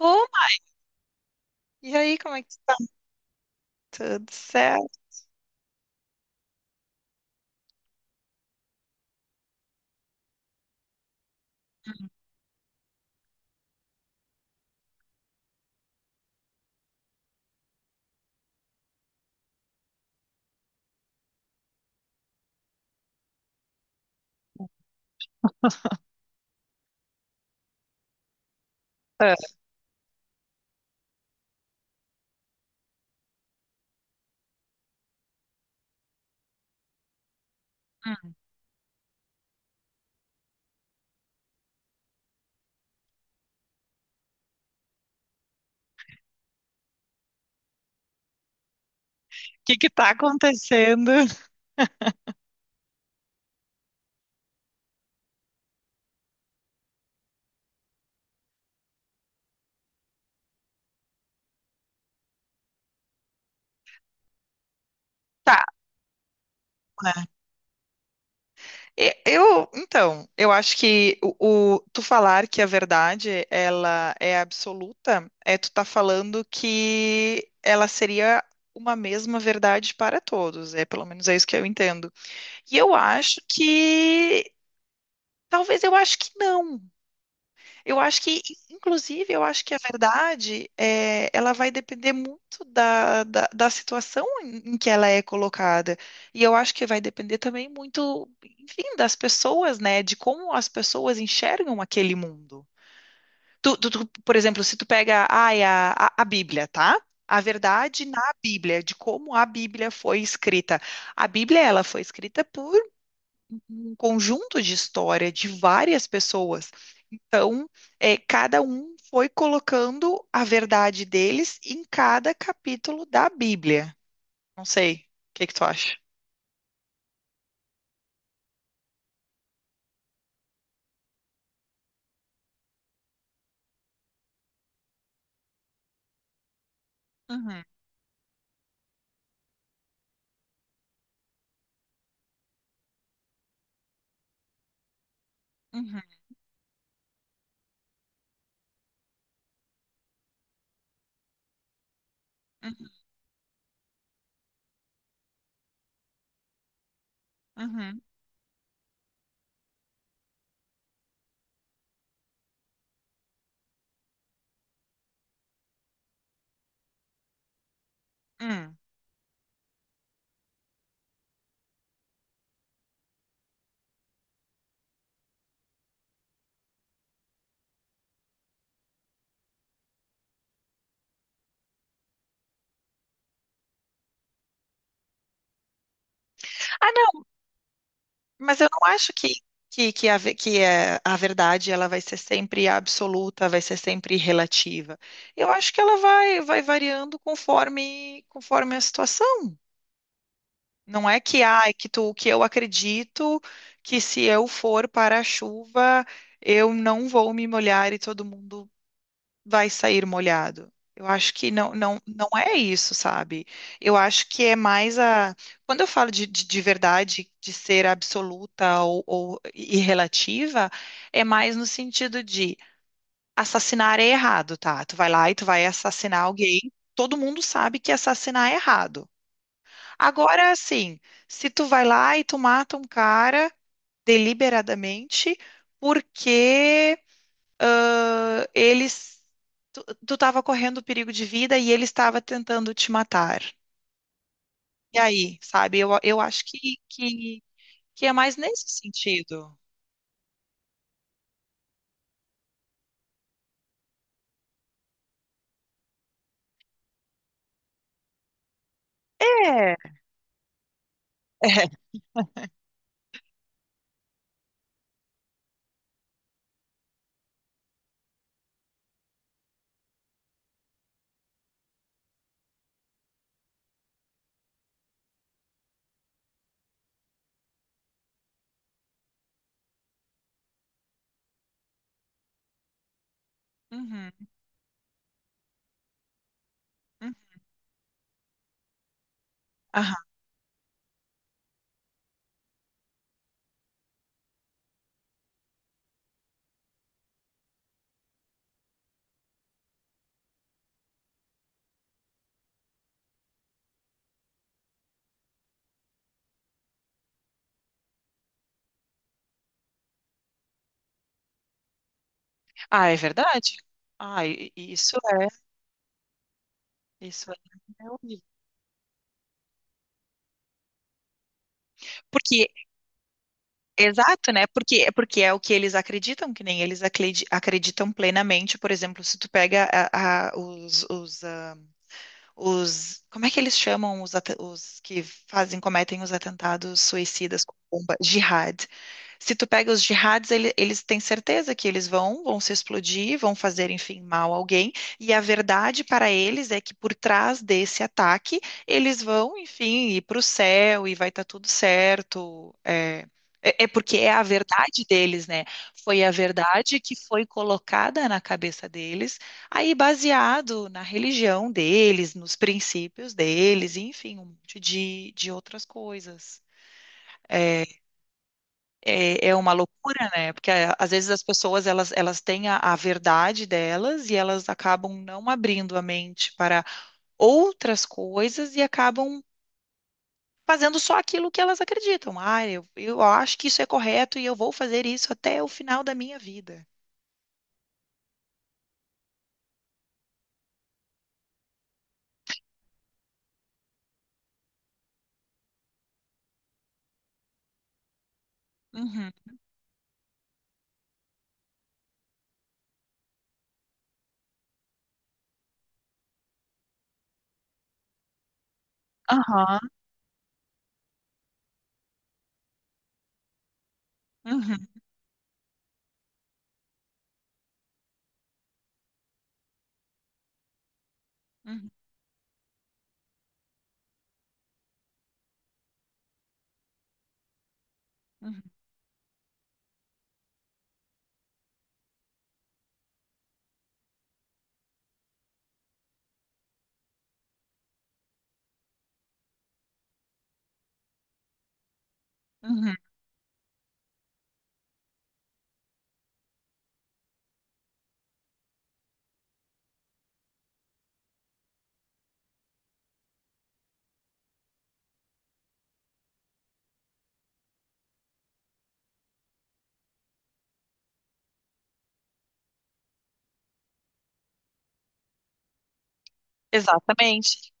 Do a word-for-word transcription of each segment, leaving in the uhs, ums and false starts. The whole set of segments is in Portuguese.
Ô, Ma- e aí, como é que tá? Tudo certo? Ah, hum. O que que tá acontecendo? Tá, né? E- Eu, então, eu acho que o, o- tu falar que a verdade, ela é absoluta, é tu tá falando que ela seria uma mesma verdade para todos, é pelo menos é isso que eu entendo. E eu acho que talvez eu acho que não. Eu acho que, inclusive, eu acho que a verdade é, ela vai depender muito da, da, da situação em em que ela é colocada. E eu acho que vai depender também muito, enfim, das pessoas, né? De como as pessoas enxergam aquele mundo. Tu, tu- tu, por exemplo, se tu pega, ai, a, a, a Bíblia, tá? A verdade na Bíblia, de como a Bíblia foi escrita. A Bíblia, ela foi escrita por um conjunto de história de várias pessoas. Então, é, cada um foi colocando a verdade deles em cada capítulo da Bíblia. Não sei, o que que tu acha? Uhum, uhum, uhum, uhum, uhum. Ah, não, mas eu não acho que, que, que, a, ve- que é, a verdade ela vai ser sempre absoluta, vai ser sempre relativa. Eu acho que ela vai, vai variando conforme, conforme a situação. Não é que ah, é que tu que eu acredito que se eu for para a chuva, eu não vou me molhar e todo mundo vai sair molhado. Eu acho que não, não, não é isso, sabe? Eu acho que é mais a. Quando eu falo de, de, de verdade, de ser absoluta ou, ou e relativa, é mais no sentido de assassinar é errado, tá? Tu vai lá e tu vai assassinar alguém, todo mundo sabe que assassinar é errado. Agora, assim, se tu vai lá e tu mata um cara deliberadamente porque ah, eles tu, tu tava correndo perigo de vida e ele estava tentando te matar. E aí, sabe? Eu, eu acho que, que, que é mais nesse sentido. É. É. Uhum, uhum. Aham. Ah, é verdade? Ah, i- i- isso é, isso é é horrível. Porque Exato, né? Porque, porque é o que eles acreditam, que nem eles acredi- acreditam plenamente. Por exemplo, se tu pega a- a- os, os, ah, os, como é que eles chamam os, ata- os que fazem, cometem os atentados suicidas com bomba? Jihad. Se tu pega os jihads, ele- eles têm certeza que eles vão, vão se explodir, vão fazer, enfim, mal a alguém. E a verdade para eles é que por trás desse ataque, eles vão, enfim, ir para o céu e vai estar tudo certo. É, é é porque é a verdade deles, né? Foi a verdade que foi colocada na cabeça deles. Aí, baseado na religião deles, nos princípios deles, enfim, um monte de, de outras coisas. É, é, é uma loucura, né? Porque é, às vezes as pessoas elas, elas têm a, a verdade delas e elas acabam não abrindo a mente para outras coisas e acabam fazendo só aquilo que elas acreditam. Ah, eu, eu acho que isso é correto e eu vou fazer isso até o final da minha vida. Uhum. Aham. Uhum. Uhum. Uhum. Uhum. Exatamente.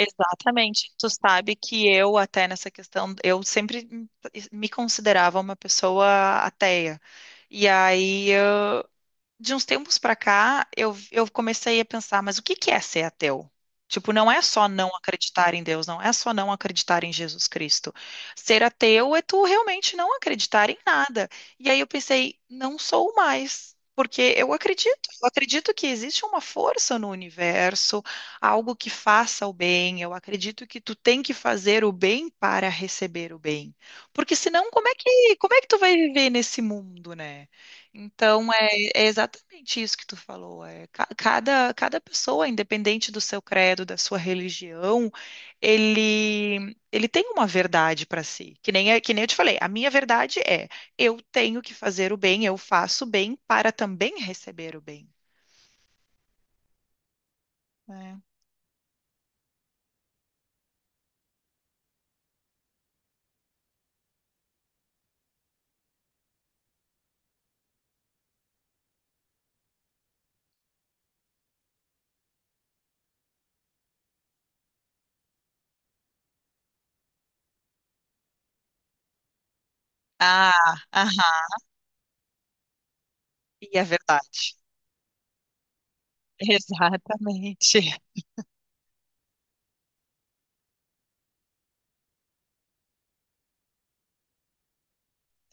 Exatamente. Tu sabe que eu, até nessa questão, eu sempre me me considerava uma pessoa ateia. E aí de uns tempos pra cá, eu, eu comecei a pensar, mas o que que é ser ateu? Tipo, não é só não acreditar em Deus, não é só não acreditar em Jesus Cristo. Ser ateu é tu realmente não acreditar em nada. E aí eu pensei, não sou mais, porque eu acredito, eu acredito que existe uma força no universo, algo que faça o bem. Eu acredito que tu tem que fazer o bem para receber o bem. Porque senão, como é que, como é que tu vai viver nesse mundo, né? Então, é exatamente isso que tu falou. É, ca- cada, cada pessoa, independente do seu credo, da sua religião, ele, ele tem uma verdade para si. Que nem, é- que nem eu te falei, a minha verdade é eu tenho que fazer o bem, eu faço o bem para também receber o bem. Né? Ah, aham, e é verdade. Exatamente.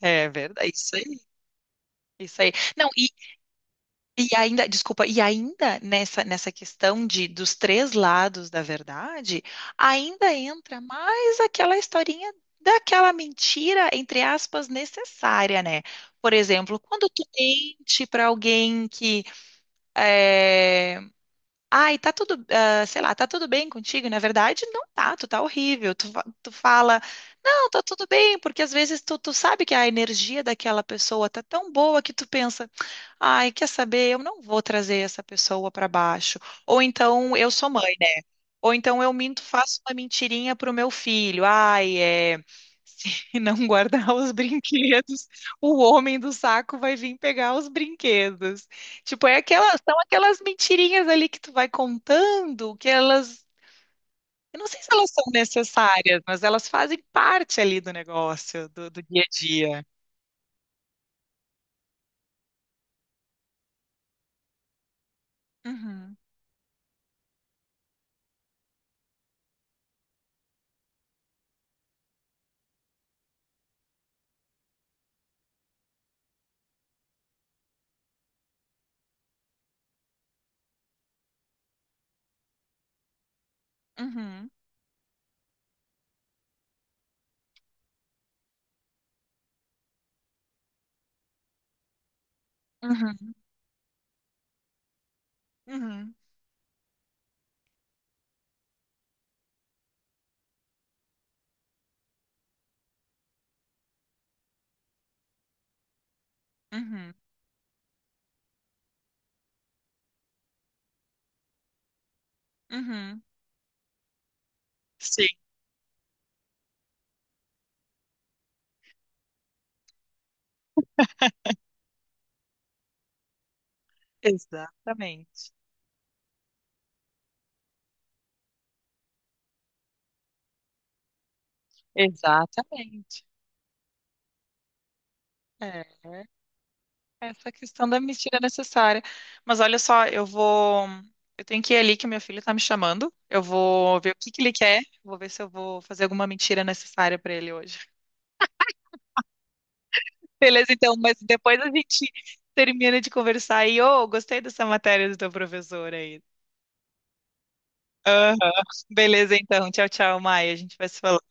É verdade, isso aí. Isso aí. Não, e ainda, desculpa, e ainda nessa, nessa, questão de dos três lados da verdade, ainda entra mais aquela historinha daquela mentira, entre aspas, necessária, né? Por exemplo, quando tu mente para alguém que eh, ai, tá tudo, ah, sei lá, tá tudo bem contigo? E, na verdade, não tá, tu tá horrível. Tu, fa- tu fala, não, tá tudo bem, porque às vezes tu, tu sabe que a energia daquela pessoa tá tão boa que tu pensa, ai, quer saber, eu não vou trazer essa pessoa pra baixo. Ou então, eu sou mãe, né? Ou então eu minto, faço uma mentirinha pro meu filho. Ai, é. Se não guardar os brinquedos, o homem do saco vai vir pegar os brinquedos. Tipo, é aquelas, são aquelas mentirinhas ali que tu vai contando, que elas, eu não sei se elas são necessárias, mas elas fazem parte ali do negócio, do, do dia a dia. Uhum, uhum, uhum, uhum, uhum, uhum. Sim, exatamente. Exatamente. É. Essa questão da mentira é necessária. Mas olha só, eu vou. Eu tenho que ir ali que meu filho tá me chamando. Eu vou ver o que que ele quer. Vou ver se eu vou fazer alguma mentira necessária pra ele hoje. Beleza, então, mas depois a gente termina de conversar e, ô, gostei dessa matéria do teu professor aí. Aham. Beleza, então. Tchau, tchau, Maia. A gente vai se falando.